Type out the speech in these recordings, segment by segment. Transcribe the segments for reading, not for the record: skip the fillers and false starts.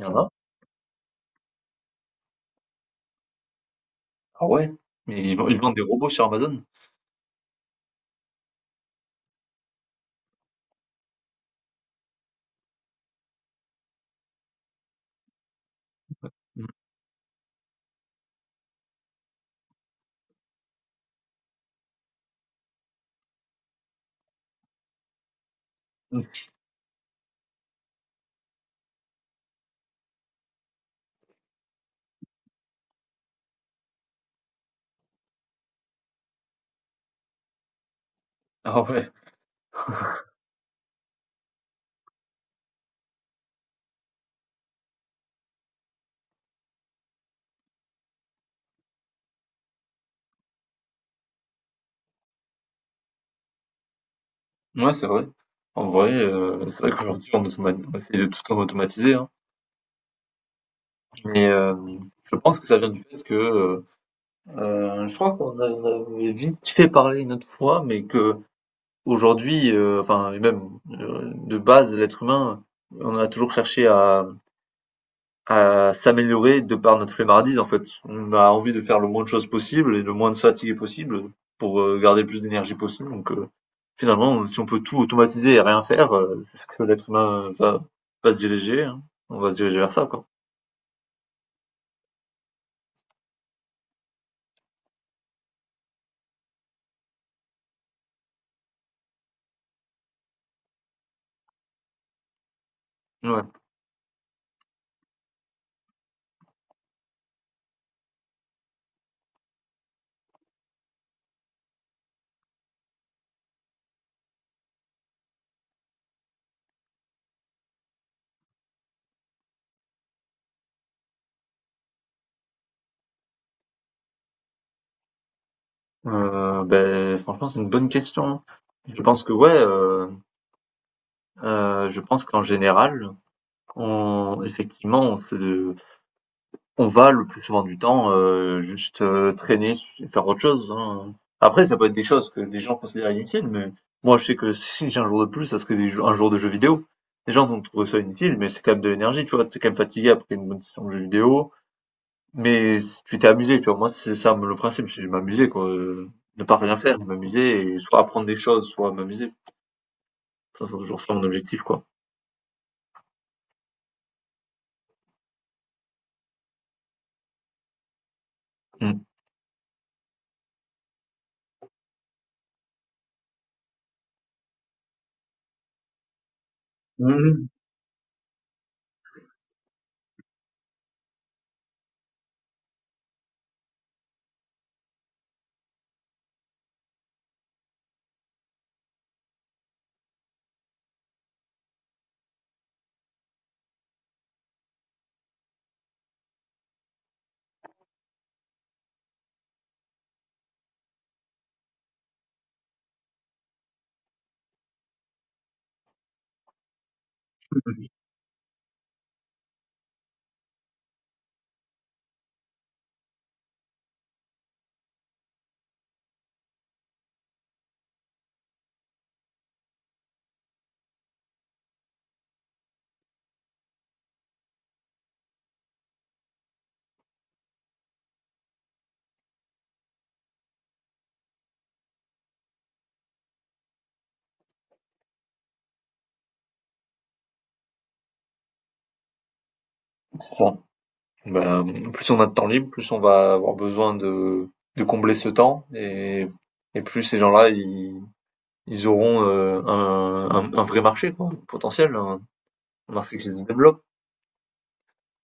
Il y en a? Ah ouais? Mais ils vendent des robots sur Amazon? Mm. Ah ouais, ouais c'est vrai. En vrai, c'est vrai qu'aujourd'hui on automatise, est tout en automatisé, hein. Mais je pense que ça vient du fait que je crois on avait vite fait parler une autre fois, mais que aujourd'hui, enfin et même de base, l'être humain, on a toujours cherché à s'améliorer de par notre flemmardise en fait. On a envie de faire le moins de choses possible et le moins de fatigue possible pour garder le plus d'énergie possible. Donc finalement, si on peut tout automatiser et rien faire, c'est ce que l'être humain va se diriger, hein. On va se diriger vers ça, quoi. Ouais. Beh, franchement, c'est une bonne question. Je pense que ouais, je pense qu'en général, on effectivement, on se On va le plus souvent du temps, juste, traîner, faire autre chose, hein. Après ça peut être des choses que des gens considèrent inutiles, mais moi je sais que si j'ai un jour de plus, ça serait des jou un jour de jeu vidéo. Les gens vont trouver ça inutile, mais c'est quand même de l'énergie, tu vois? T'es quand même fatigué après une bonne session de jeu vidéo, mais s tu t'es amusé, tu vois? Moi c'est ça le principe, c'est m'amuser quoi, ne pas rien faire, m'amuser et soit apprendre des choses, soit m'amuser. Ça c'est toujours ça mon objectif quoi. Mmh. Mmh. C'est ça. Ben, plus on a de temps libre, plus on va avoir besoin de combler ce temps et plus ces gens-là, ils auront un vrai marché, quoi, potentiel, un marché qui se développe.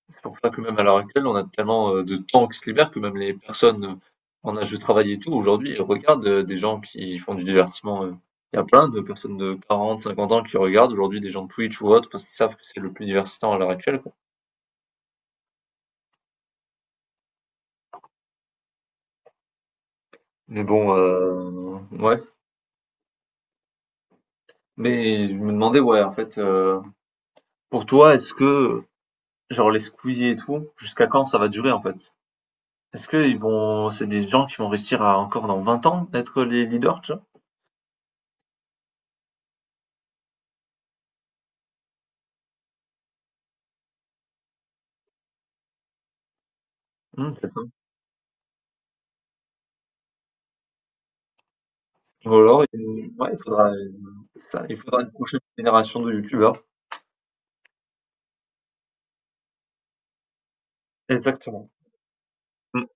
C'est pour ça que même à l'heure actuelle, on a tellement de temps qui se libère que même les personnes en âge de travail et tout, aujourd'hui, elles regardent des gens qui font du divertissement. Il y a plein de personnes de 40, 50 ans qui regardent aujourd'hui des gens de Twitch ou autres parce qu'ils savent que c'est le plus divertissant à l'heure actuelle, quoi. Mais bon, ouais. Mais je me demandais, ouais, en fait, pour toi, est-ce que, genre, les squeezies et tout, jusqu'à quand ça va durer, en fait? Est-ce que ils vont c'est des gens qui vont réussir à, encore dans 20 ans, être les leaders, tu vois? Mmh, c'est ça. Ou alors il ouais, il faudra ça, il faudra une prochaine génération de youtubeurs. Exactement. Mmh.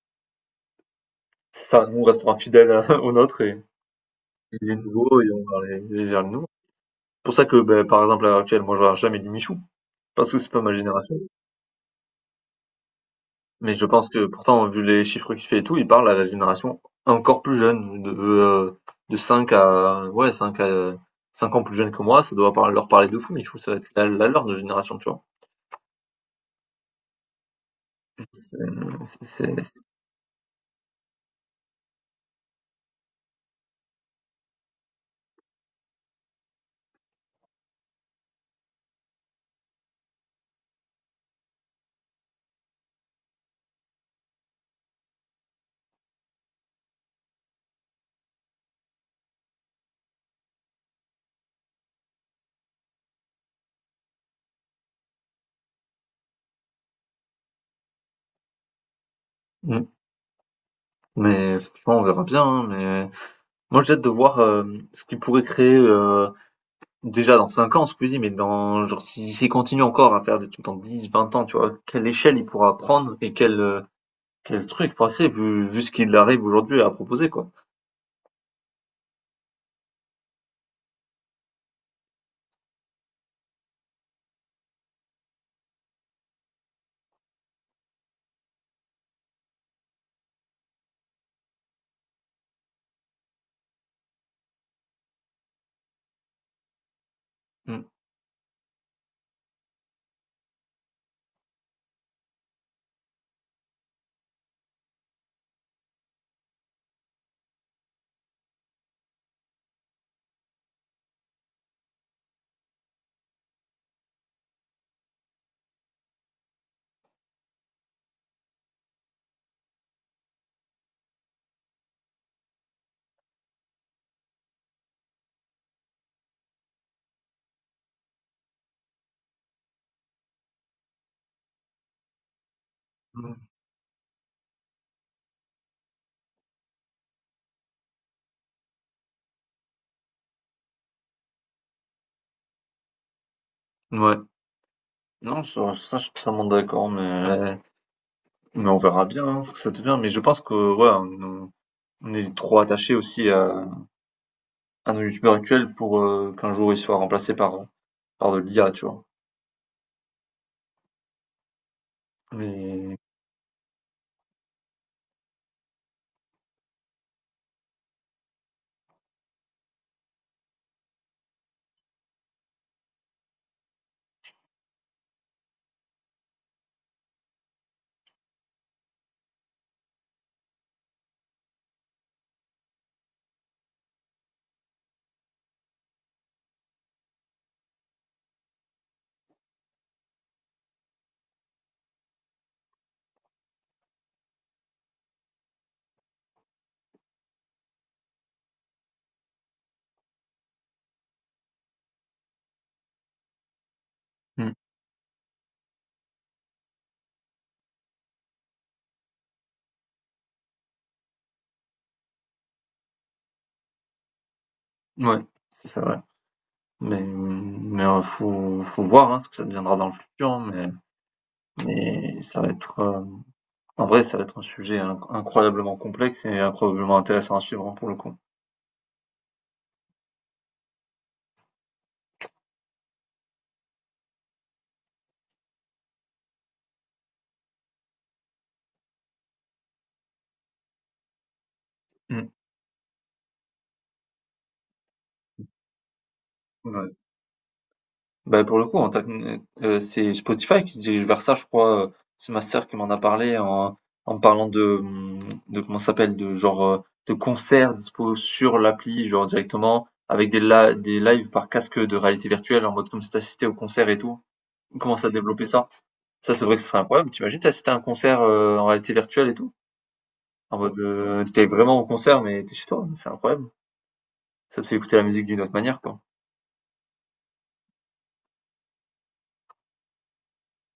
C'est ça, nous on restera fidèles aux nôtres et les nouveaux et on va les vers les nouveaux. C'est pour ça que, ben par exemple, à l'heure actuelle, moi je regarde jamais les Michou, parce que c'est pas ma génération. Mais je pense que pourtant, vu les chiffres qu'il fait et tout, il parle à la génération encore plus jeune, de 5 à, ouais, 5 à, 5 ans plus jeune que moi, ça doit leur parler de fou, mais il faut que ça va être la leur de génération, tu vois. C'est- c'est- c'est- Mm. Mais franchement, on verra bien, hein, mais moi j'ai hâte de voir ce qu'il pourrait créer déjà dans 5 ans, Squeezie, mais dans, genre, s'il continue encore à faire des trucs dans 10 20 ans, tu vois, quelle échelle il pourra prendre et quel truc il pourra créer, vu ce qu'il arrive aujourd'hui à proposer, quoi. Mm. Ouais. Non, je suis totalement d'accord, mais on verra bien hein, ce que ça devient. Mais je pense que ouais, on est trop attaché aussi à nos youtubeurs actuels pour qu'un jour ils soient remplacés par de l'IA, tu vois. Mais Hmm. Ouais, c'est ça, ouais. Mais faut voir hein, ce que ça deviendra dans le futur, hein, mais ça va être en vrai, ça va être un sujet incroyablement complexe et incroyablement intéressant à suivre hein, pour le coup. Hmm. Ouais. Bah, pour le coup, c'est Spotify qui se dirige vers ça, je crois. C'est ma sœur qui m'en a parlé en parlant de comment ça s'appelle, de genre de concerts dispo sur l'appli, genre directement, avec des lives par casque de réalité virtuelle, en mode comme si t'assistais au concert et tout. Commence à développer ça. Ça, c'est vrai que ce serait incroyable. T'imagines t'assister à un concert en réalité virtuelle et tout? En mode, t'es vraiment au concert, mais t'es chez toi. C'est incroyable. Ça te fait écouter la musique d'une autre manière, quoi.